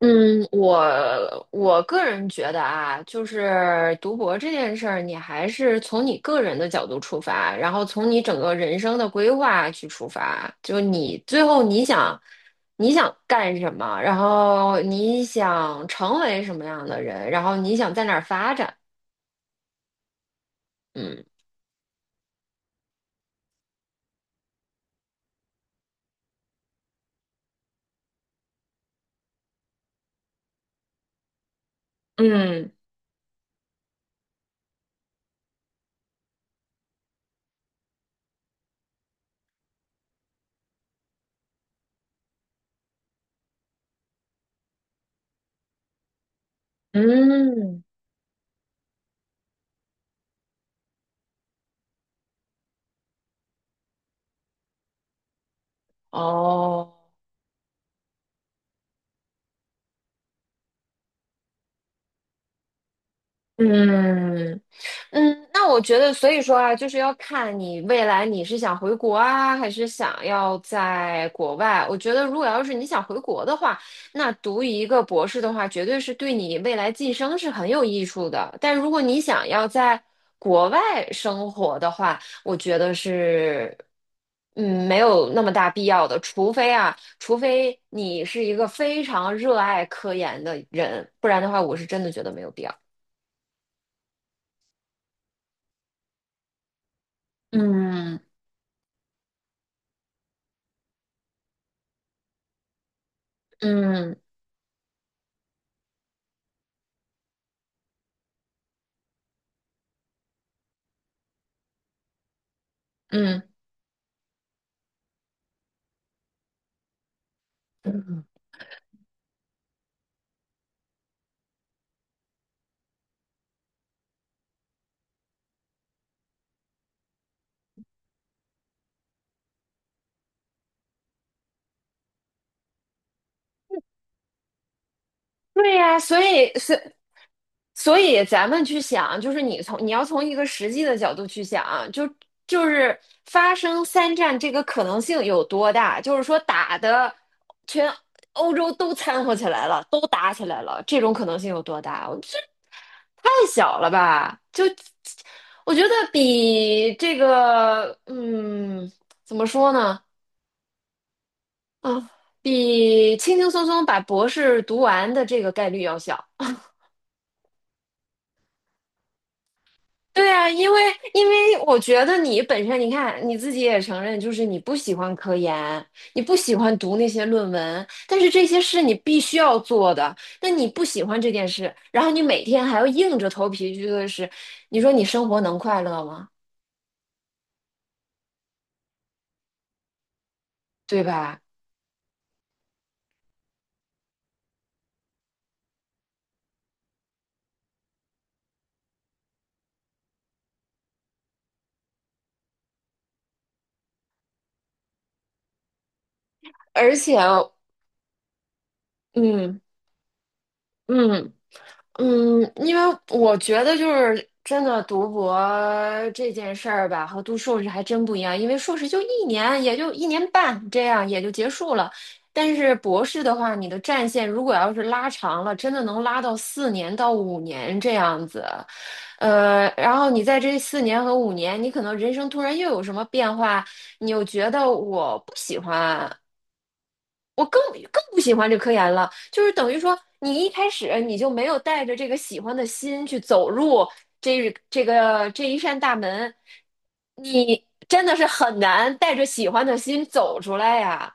嗯，我个人觉得啊，就是读博这件事儿，你还是从你个人的角度出发，然后从你整个人生的规划去出发，就你最后你想干什么，然后你想成为什么样的人，然后你想在哪儿发展。嗯嗯嗯，哦，嗯。嗯，那我觉得，所以说啊，就是要看你未来你是想回国啊，还是想要在国外。我觉得，如果要是你想回国的话，那读一个博士的话，绝对是对你未来晋升是很有益处的。但如果你想要在国外生活的话，我觉得是，没有那么大必要的。除非啊，除非你是一个非常热爱科研的人，不然的话，我是真的觉得没有必要。嗯嗯嗯。对呀，所以咱们去想，就是你从你要从一个实际的角度去想，就是发生三战这个可能性有多大？就是说打的全欧洲都掺和起来了，都打起来了，这种可能性有多大？我这太小了吧？就我觉得比这个，怎么说呢？啊，比轻轻松松把博士读完的这个概率要小。对啊，因为我觉得你本身，你看你自己也承认，就是你不喜欢科研，你不喜欢读那些论文，但是这些是你必须要做的。那你不喜欢这件事，然后你每天还要硬着头皮去做的事，你说你生活能快乐吗？对吧？而且，嗯嗯。嗯，因为我觉得就是真的读博这件事儿吧，和读硕士还真不一样。因为硕士就一年，也就一年半这样，也就结束了。但是博士的话，你的战线如果要是拉长了，真的能拉到4年到5年这样子。然后你在这4年和5年，你可能人生突然又有什么变化，你又觉得我不喜欢，我更不喜欢这科研了，就是等于说你一开始你就没有带着这个喜欢的心去走入这一扇大门，你真的是很难带着喜欢的心走出来呀。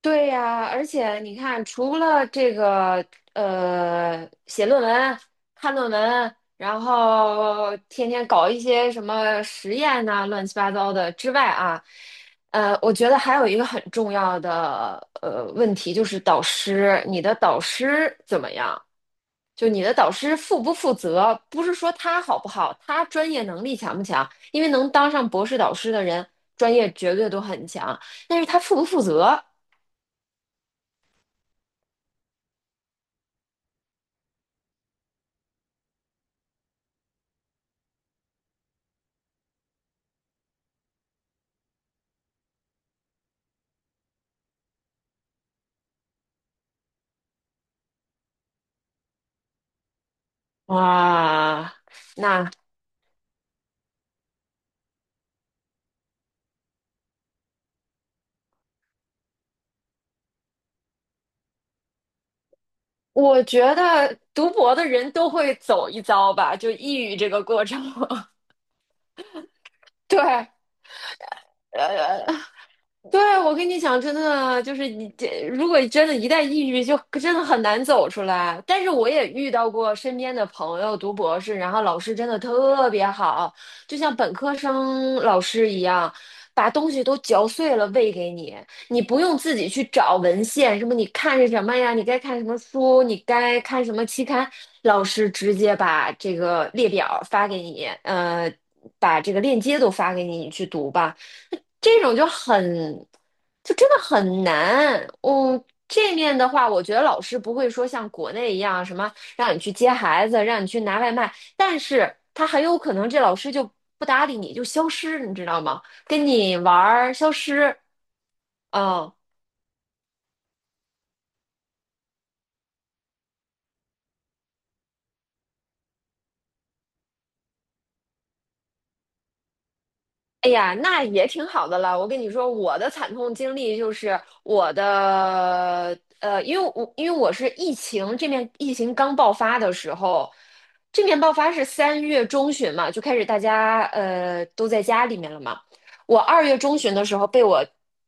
对呀，而且你看，除了这个写论文、看论文，然后天天搞一些什么实验呐、乱七八糟的之外啊，我觉得还有一个很重要的问题就是导师，你的导师怎么样？就你的导师负不负责？不是说他好不好，他专业能力强不强？因为能当上博士导师的人，专业绝对都很强，但是他负不负责？哇，那我觉得读博的人都会走一遭吧，就抑郁这个过程。对，呃。对，我跟你讲，真的就是你这，如果真的一旦抑郁，就真的很难走出来。但是我也遇到过身边的朋友读博士，然后老师真的特别好，就像本科生老师一样，把东西都嚼碎了喂给你，你不用自己去找文献，什么你看是什么呀，你该看什么书，你该看什么期刊，老师直接把这个列表发给你，把这个链接都发给你，你去读吧。这种就很，就真的很难。嗯，这面的话，我觉得老师不会说像国内一样什么让你去接孩子，让你去拿外卖，但是他很有可能这老师就不搭理你，就消失，你知道吗？跟你玩儿消失。啊。哎呀，那也挺好的了。我跟你说，我的惨痛经历就是因为我是疫情这面疫情刚爆发的时候，这面爆发是3月中旬嘛，就开始大家都在家里面了嘛。我2月中旬的时候被我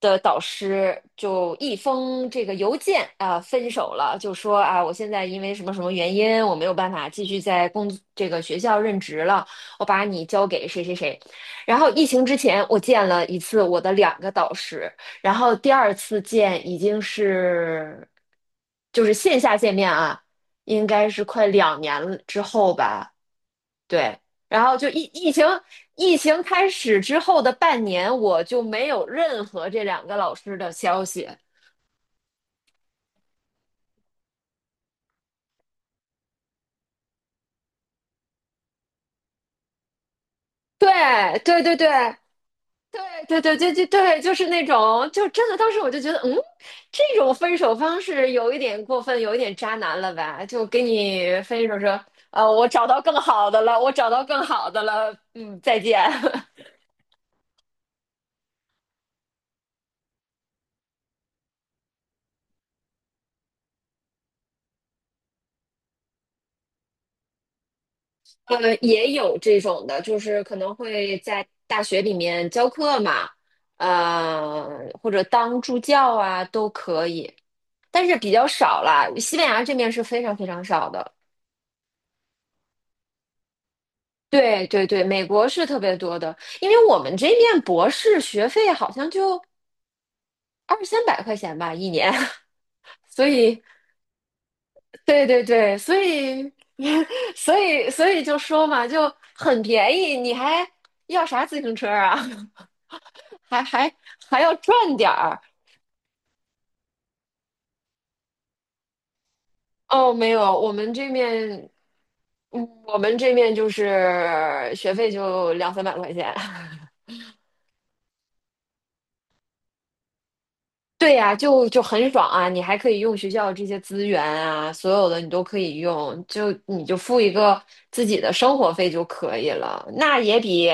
的导师就一封这个邮件啊，分手了，就说啊我现在因为什么什么原因我没有办法继续在这个学校任职了，我把你交给谁谁谁。然后疫情之前，我见了一次我的2个导师，然后第二次见已经是就是线下见面啊，应该是快2年了之后吧。对，然后就疫情开始之后的半年，我就没有任何这2个老师的消息。对对对对，对对对对对对，就是那种，就真的当时我就觉得，这种分手方式有一点过分，有一点渣男了吧？就给你分手说，我找到更好的了，我找到更好的了，再见。也有这种的，就是可能会在大学里面教课嘛，呃，或者当助教啊，都可以，但是比较少啦。西班牙这边是非常非常少的。对对对，美国是特别多的，因为我们这边博士学费好像就二三百块钱吧一年，所以对对对，所以 所以就说嘛，就很便宜，你还要啥自行车啊？还还还要赚点儿哦？没有，我们这面，我们这面就是学费就两三百块钱。对呀，就很爽啊！你还可以用学校这些资源啊，所有的你都可以用，就你就付一个自己的生活费就可以了。那也比，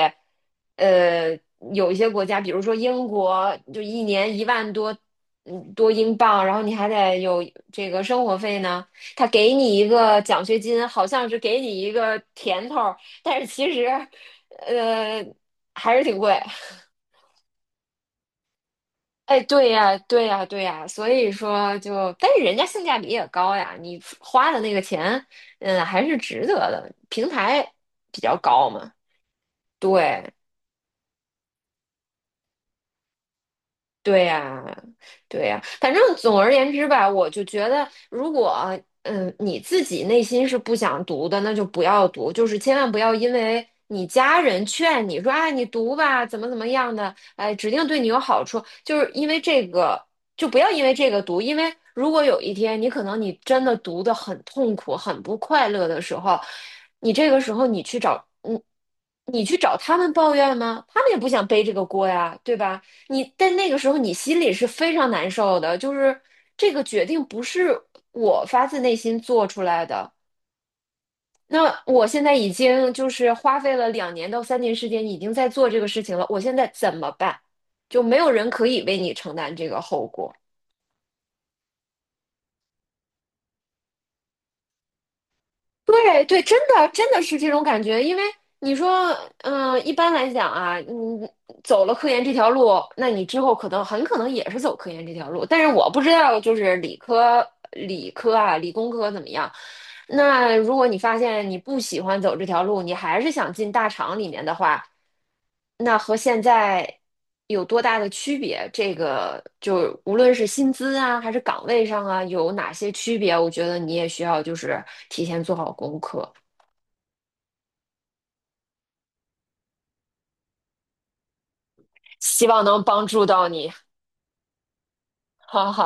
呃，有一些国家，比如说英国，就一年1万多，多英镑，然后你还得有这个生活费呢。他给你一个奖学金，好像是给你一个甜头儿，但是其实，呃，还是挺贵。哎，对呀，对呀，对呀，所以说就，但是人家性价比也高呀，你花的那个钱，还是值得的。平台比较高嘛，对，对呀，对呀，反正总而言之吧，我就觉得，如果你自己内心是不想读的，那就不要读，就是千万不要因为你家人劝你说，哎，你读吧，怎么怎么样的，哎，指定对你有好处，就是因为这个，就不要因为这个读，因为如果有一天你可能你真的读的很痛苦、很不快乐的时候，你这个时候你去找。嗯。你去找他们抱怨吗？他们也不想背这个锅呀，对吧？你但那个时候你心里是非常难受的，就是这个决定不是我发自内心做出来的。那我现在已经就是花费了2年到3年时间，已经在做这个事情了，我现在怎么办？就没有人可以为你承担这个后果。对对，真的真的是这种感觉，因为你说，一般来讲啊，你走了科研这条路，那你之后可能很可能也是走科研这条路，但是我不知道就是理科啊、理工科怎么样，那如果你发现你不喜欢走这条路，你还是想进大厂里面的话，那和现在有多大的区别？这个就无论是薪资啊，还是岗位上啊，有哪些区别？我觉得你也需要就是提前做好功课，希望能帮助到你。好好。